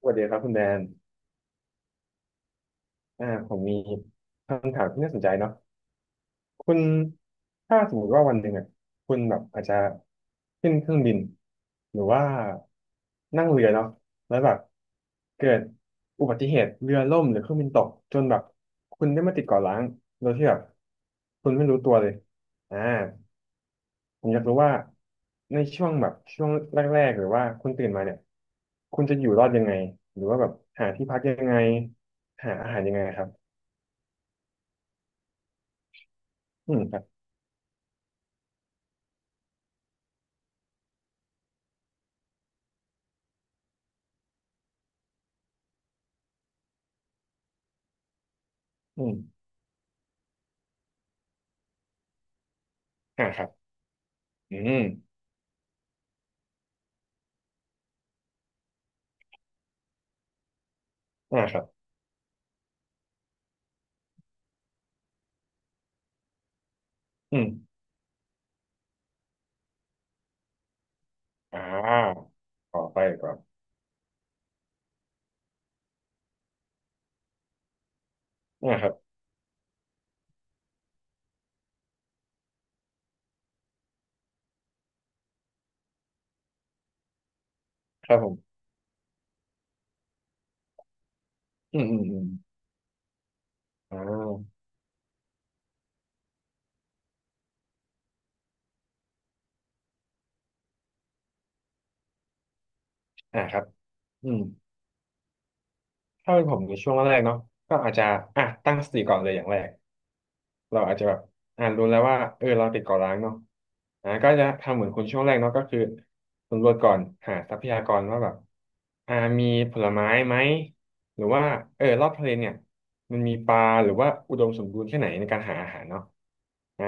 สวัสดีครับคุณแดนผมมีคำถามที่น่าสนใจเนาะคุณถ้าสมมติว่าวันหนึ่งอ่ะคุณแบบอาจจะขึ้นเครื่องบินหรือว่านั่งเรือเนาะแล้วแบบเกิดอุบัติเหตุเรือล่มหรือเครื่องบินตกจนแบบคุณได้มาติดเกาะร้างโดยที่แบบคุณไม่รู้ตัวเลยอ่าผมอยากรู้ว่าในช่วงแบบช่วงแรกๆหรือว่าคุณตื่นมาเนี่ยคุณจะอยู่รอดยังไงหรือว่าแบบหาที่พักยังไงหาอาหารยังไงครับ อืมครับ อืมครับ อืมครับอืมอ่าขอไปก่อนครับครับผมอืมอืมอืมอ่าครับอืม ถ้าเป็นผมในช่วงแรกๆเนาะก็อาจจะอ่ะตั้งสติก่อนเลยอย่างแรก เราอาจจะแบบอ่านรู้แล้วว่าเออเราติดเกาะร้างเนาะก็จะทำเหมือนคุณช่วงแรกเนาะก็คือสำรวจก่อนหาทรัพยากรว่าแบบอ่ามีผลไม้ไหมหรือว่าเออรอบทะเลเนี่ยมันมีปลาหรือว่าอุดมสมบูรณ์แค่ไหนในการหาอาหารเนาะอ่า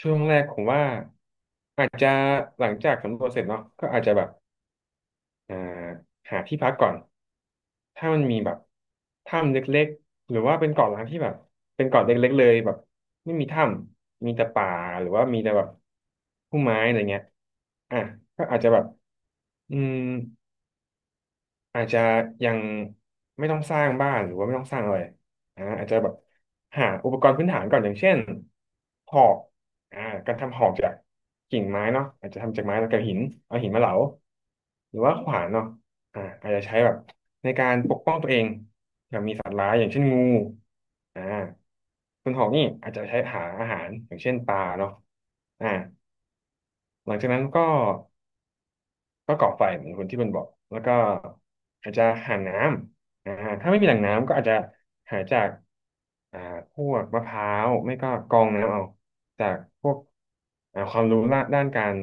ช่วงแรกผมว่าอาจจะหลังจากสำรวจเสร็จเนาะก็อาจจะแบบ อ่าหาที่พักก่อน ถ้ามันมีแบบถ้ำเล็กๆ หรือว่าเป็นเกาะล้างที่แบบเป็นเกาะเล็กๆเลยแบบไม่มีถ้ำ มีแต่ป่าหรือว่ามีแต่แบบพุ่มไม้อะไรเงี้ยอ่ะก็อาจจะแบบอืม อาจจะยังไม่ต้องสร้างบ้านหรือว่าไม่ต้องสร้างอะไรอาจจะแบบหาอุปกรณ์พื้นฐานก่อนอย่างเช่นหอกอ่าการทำหอกจากกิ่งไม้เนาะอาจจะทำจากไม้แล้วกับหินเอาหินมาเหลาหรือว่าขวานเนาะอาจจะใช้แบบในการปกป้องตัวเองมีสัตว์ร้ายอย่างเช่นงูอ่าส่วนหอกนี่อาจจะใช้หาอาหารอย่างเช่นปลาเนาะอ่าหลังจากนั้นก็ ก่อไฟเหมือนคนที่มันบอกแล้วก็อาจจะหาน้ำถ้าไม่มีแหล่งน้ำก็อาจจะหาจากอ่าพวกมะพร้าวไม่ก็กรองน้ำเอาจากพวกความรู้ละด้านการ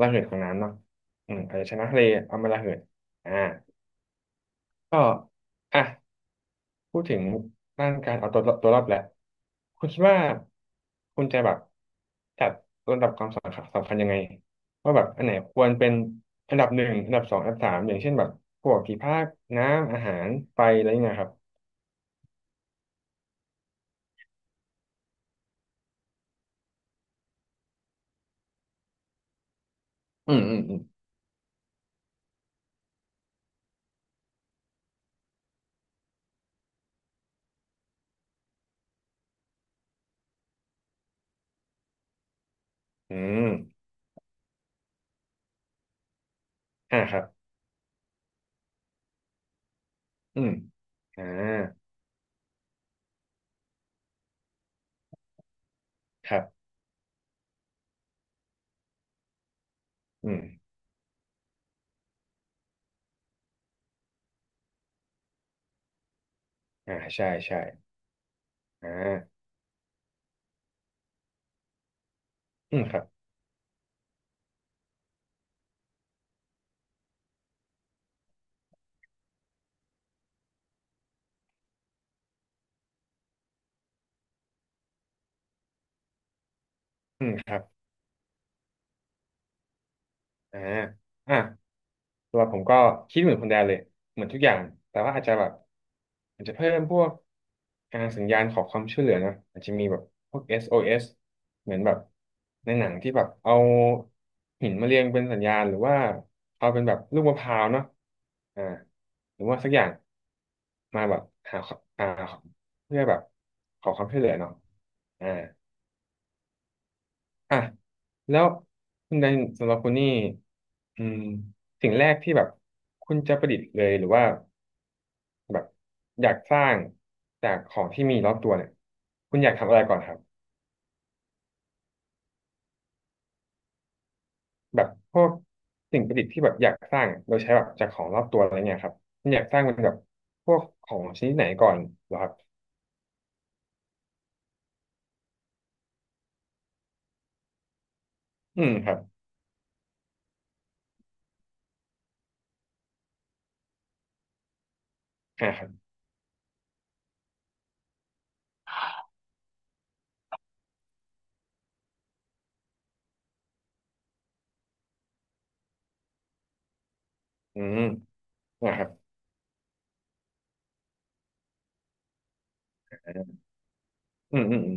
ระเหิดของน้ำเนาะอืมอาจจะชนะทะเลเอามาระเหิดอ่าก็อ่ะ พูดถึงด้านการเอาตัวรอดแหละคุณคิดว่าคุณจะแบบจัดลำดับความสำคัญยังไงว่าแบบอันไหนควรเป็นอันดับหนึ่งอันดับสองอันดับสามอย่างเช่นแบบพวกที่พักน้ำอาหารไฟอะไรอย่างเงี้ยครับอืมอืมอืมอืมครับอืมอ่าครับอืมใช่ใช่อ่าอืมครับอืมครับ อ่าอ่ะสรับผมก็คิดเหมือนคนแดนเลยเหมือนทุกอย่างแต่ว่าอาจจะแบบอาจจะเพิ่มพวกสัญญาณขอความช่วยเหลือนะอาจจะมีแบบพวก SOS เอสเหมือนแบบในหนังที่แบบเอาหินมาเรียงเป็นสัญญาณหรือว่าเอาเป็นแบบลูกมะพร้าวเนาะอ่าหรือว่าสักอย่างมาแบบหาอ่าเพื่อแบบขอความช่วยเหลือเนาะอ่า อ่ะแล้วคุณแดนสำหรับคุณนี่อืมสิ่งแรกที่แบบคุณจะประดิษฐ์เลยหรือว่าแบบอยากสร้างจากของที่มีรอบตัวเนี่ยคุณอยากทำอะไรก่อนครับแบบพวกสิ่งประดิษฐ์ที่แบบอยากสร้างอะโดยใช้แบบจากของรอบตัวอะไรเงี้ยครับคุณอยากสร้างเป็นแบบพวกของชนิดไหนก่อนเหรอครับอืมครับครับอืมนาครับอืมอืมอืม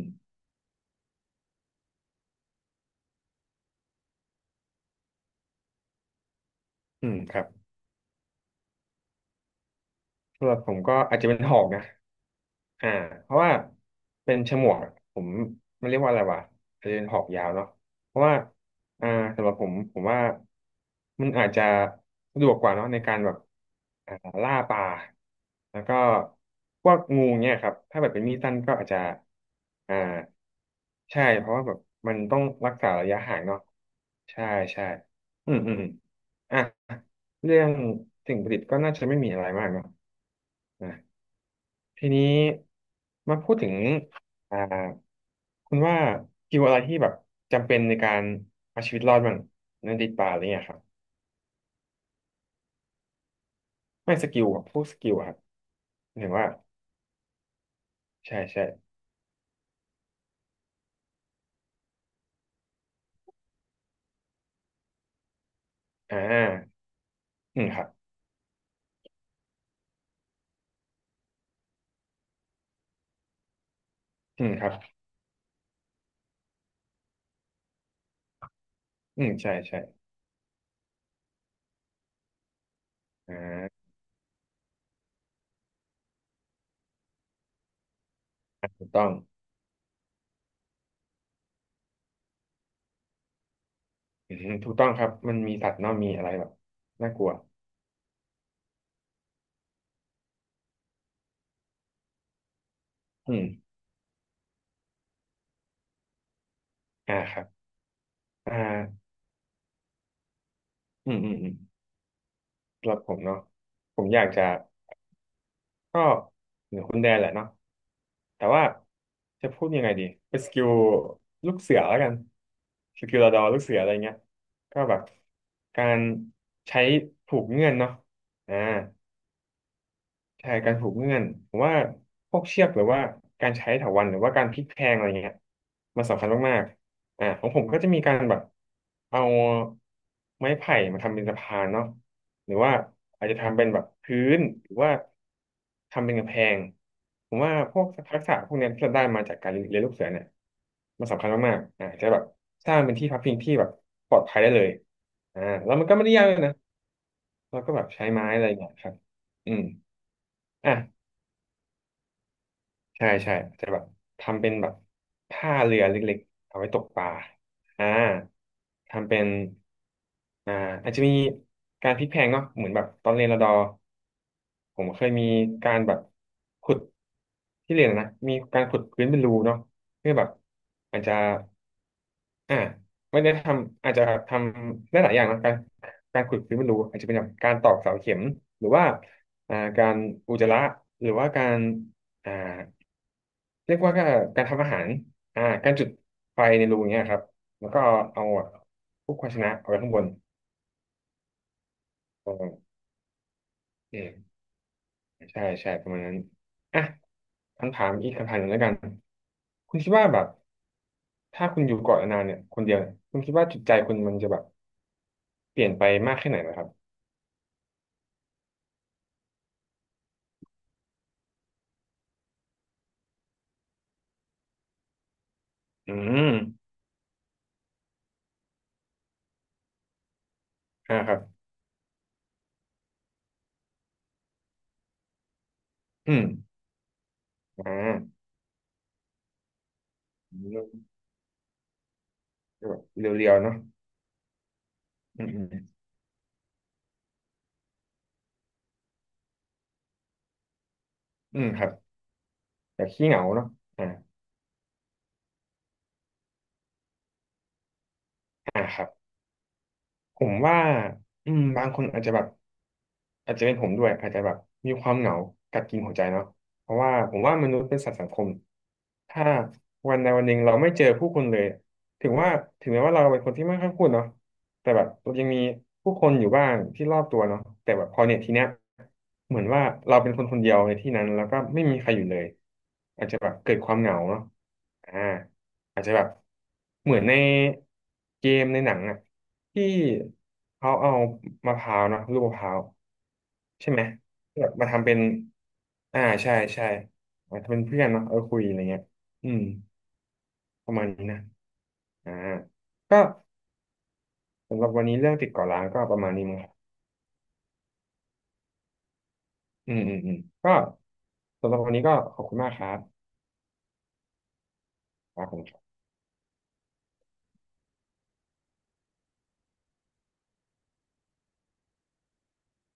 อืมครับสำหรับผมก็อาจจะเป็นหอกนะ อ่าเพราะว่าเป็นฉมวกผมมันเรียกว่าอะไรวะอาจจะเป็นหอกยาวเนาะเพราะว่าอ่าสำหรับผมผมว่ามันอาจจะสะดวกกว่าเนาะในการแบบอ่าล่าปลาแล้วก็พวกงูเนี่ยครับถ้าแบบเป็นมีดสั้นก็อาจจะอ่าใช่เพราะว่าแบบมันต้องรักษาระยะห่างเนาะใช่ใช่อืมอืมอมอ่ะเรื่องสิ่งประดิษฐ์ก็น่าจะไม่มีอะไรมากเนาะ ทีนี้มาพูดถึงอ่าคุณว่าสกิลอะไรที่แบบจำเป็นในการเอาชีวิตรอดบ้างในติดป่าอะไรเงี้ยครับไม่สกิลแบบพวกสกิลอะครับหรืว่าใช่ใช่อ่าอืมครับอืมครับอืมใช่ใช่อ่าถูกต้องอืมถูกต้องครับมันมีสัตว์เนาะมีอะไรแบบน่ากลัวอืมครับอ่าอืมอืมอืมสำหรับผมเนาะผมอยากจะก็เหมือนคุณแดนแหละเนาะ แต่ว่าจะพูดยังไงดีเป็นสกิลลูกเสือแล้วกันสกิลระดอลูกเสืออะไรเงี้ยก็แบบการใช้ผูกเงื่อนเนาะอ่า ใช่การผูกเงื่อนผมว่าพวกเชือกหรือว่าการใช้เถาวัลย์หรือว่าการพลิกแพลงอะไรเงี้ยมันสำคัญมากๆของผมก็จะมีการแบบเอาไม้ไผ่มาทำเป็นสะพานเนาะหรือว่าอาจจะทำเป็นแบบพื้นหรือว่าทำเป็นกำแพงผมว่าพวกทักษะพวกเนี้ยที่เราได้มาจากการเรียนลูกเสือเนี่ยมันสำคัญมากๆจะแบบสร้างเป็นที่พักพิงที่แบบปลอดภัยได้เลยแล้วมันก็ไม่ได้ยากเลยนะเราก็แบบใช้ไม้อะไรเงี้ยครับอืมอ่ะ ใช่ใช่จะแบบทำเป็นแบบท่าเรือเล็กๆเอาไว้ตกปลาอ่าทำเป็นอ่าอาจจะมีการพลิกแพลงเนาะเหมือนแบบตอนเรียนระดอผมเคยมีการแบบขุดที่เรียนอะนะมีการขุดพื้นเป็นรูเนาะเพื่อแบบอาจจะอ่าไม่ได้ทำอาจจะทำได้หลายอย่างนะการการขุดพื้นเป็นรูอาจจะเป็นแบบการตอกเสาเข็มหรือว่าการอุจจาระหรือว่าการอ่า เรียกว่าก็การทำอาหารการจุดไฟในรูเนี้ยครับ แล้วก็เอาเอาพวกภาชนะเอาไว้ข้างบนอ่าโอเคใช่ใช่ประมาณนั้นอ่ะคำถามอีกคำถามหนึ่งแล้วกัน คุณคิดว่าแบบถ้าคุณอยู่เกาะนานๆเนี่ยคนเดียวเนี่ยคุณคิดว่าจิตใจคุณมันจะแบบเปลี่ยนไปมากแค่ไหนนะครับอืมครับอืมอ่าอืมก็แบบเรียวๆเนาะอืมอืมอืมครับแบบขี้เหงาเนาะอ่าอ่าครับผมว่าอืมบางคนอาจจะแบบ อาจจะเป็นผมด้วยอาจจะแบบมีความเหงากัดกินหัวใจเนาะเพราะว่าผมว่ามนุษย์เป็นสัตว์สังคมถ้าวันใดวันหนึ่งเราไม่เจอผู้คนเลยถึงว่าถึงแม้ว่าเราเป็นคนที่ไม่ค่อยพูดเนาะแต่แบบเรายังมีผู้คนอยู่บ้างที่รอบตัวเนาะแต่แบบพอเนี่ยทีเนี้ยเหมือนว่าเราเป็นคนคนเดียวในที่นั้นแล้วก็ไม่มีใครอยู่เลยอาจจะแบบเกิดความเหงาเนาะอ่า อาจจะแบบเหมือนในเกมในหนังอ่ะที่เขาเอามะพร้าวเนอะลูกมะพร้าวใช่ไหมแบบมาทำเป็นใช่ใช่อาทำเป็นเพื่อนเนาะเออคุยอะไรเงี้ยอืมประมาณนี้นะอ่าก็สำหรับวันนี้เรื่องติดเก่อร้างก็ประมาณนี้มั้งครับอืมอืมอืมก็สำหรับวันนี้ก็ขอบคุณมากครับครับผม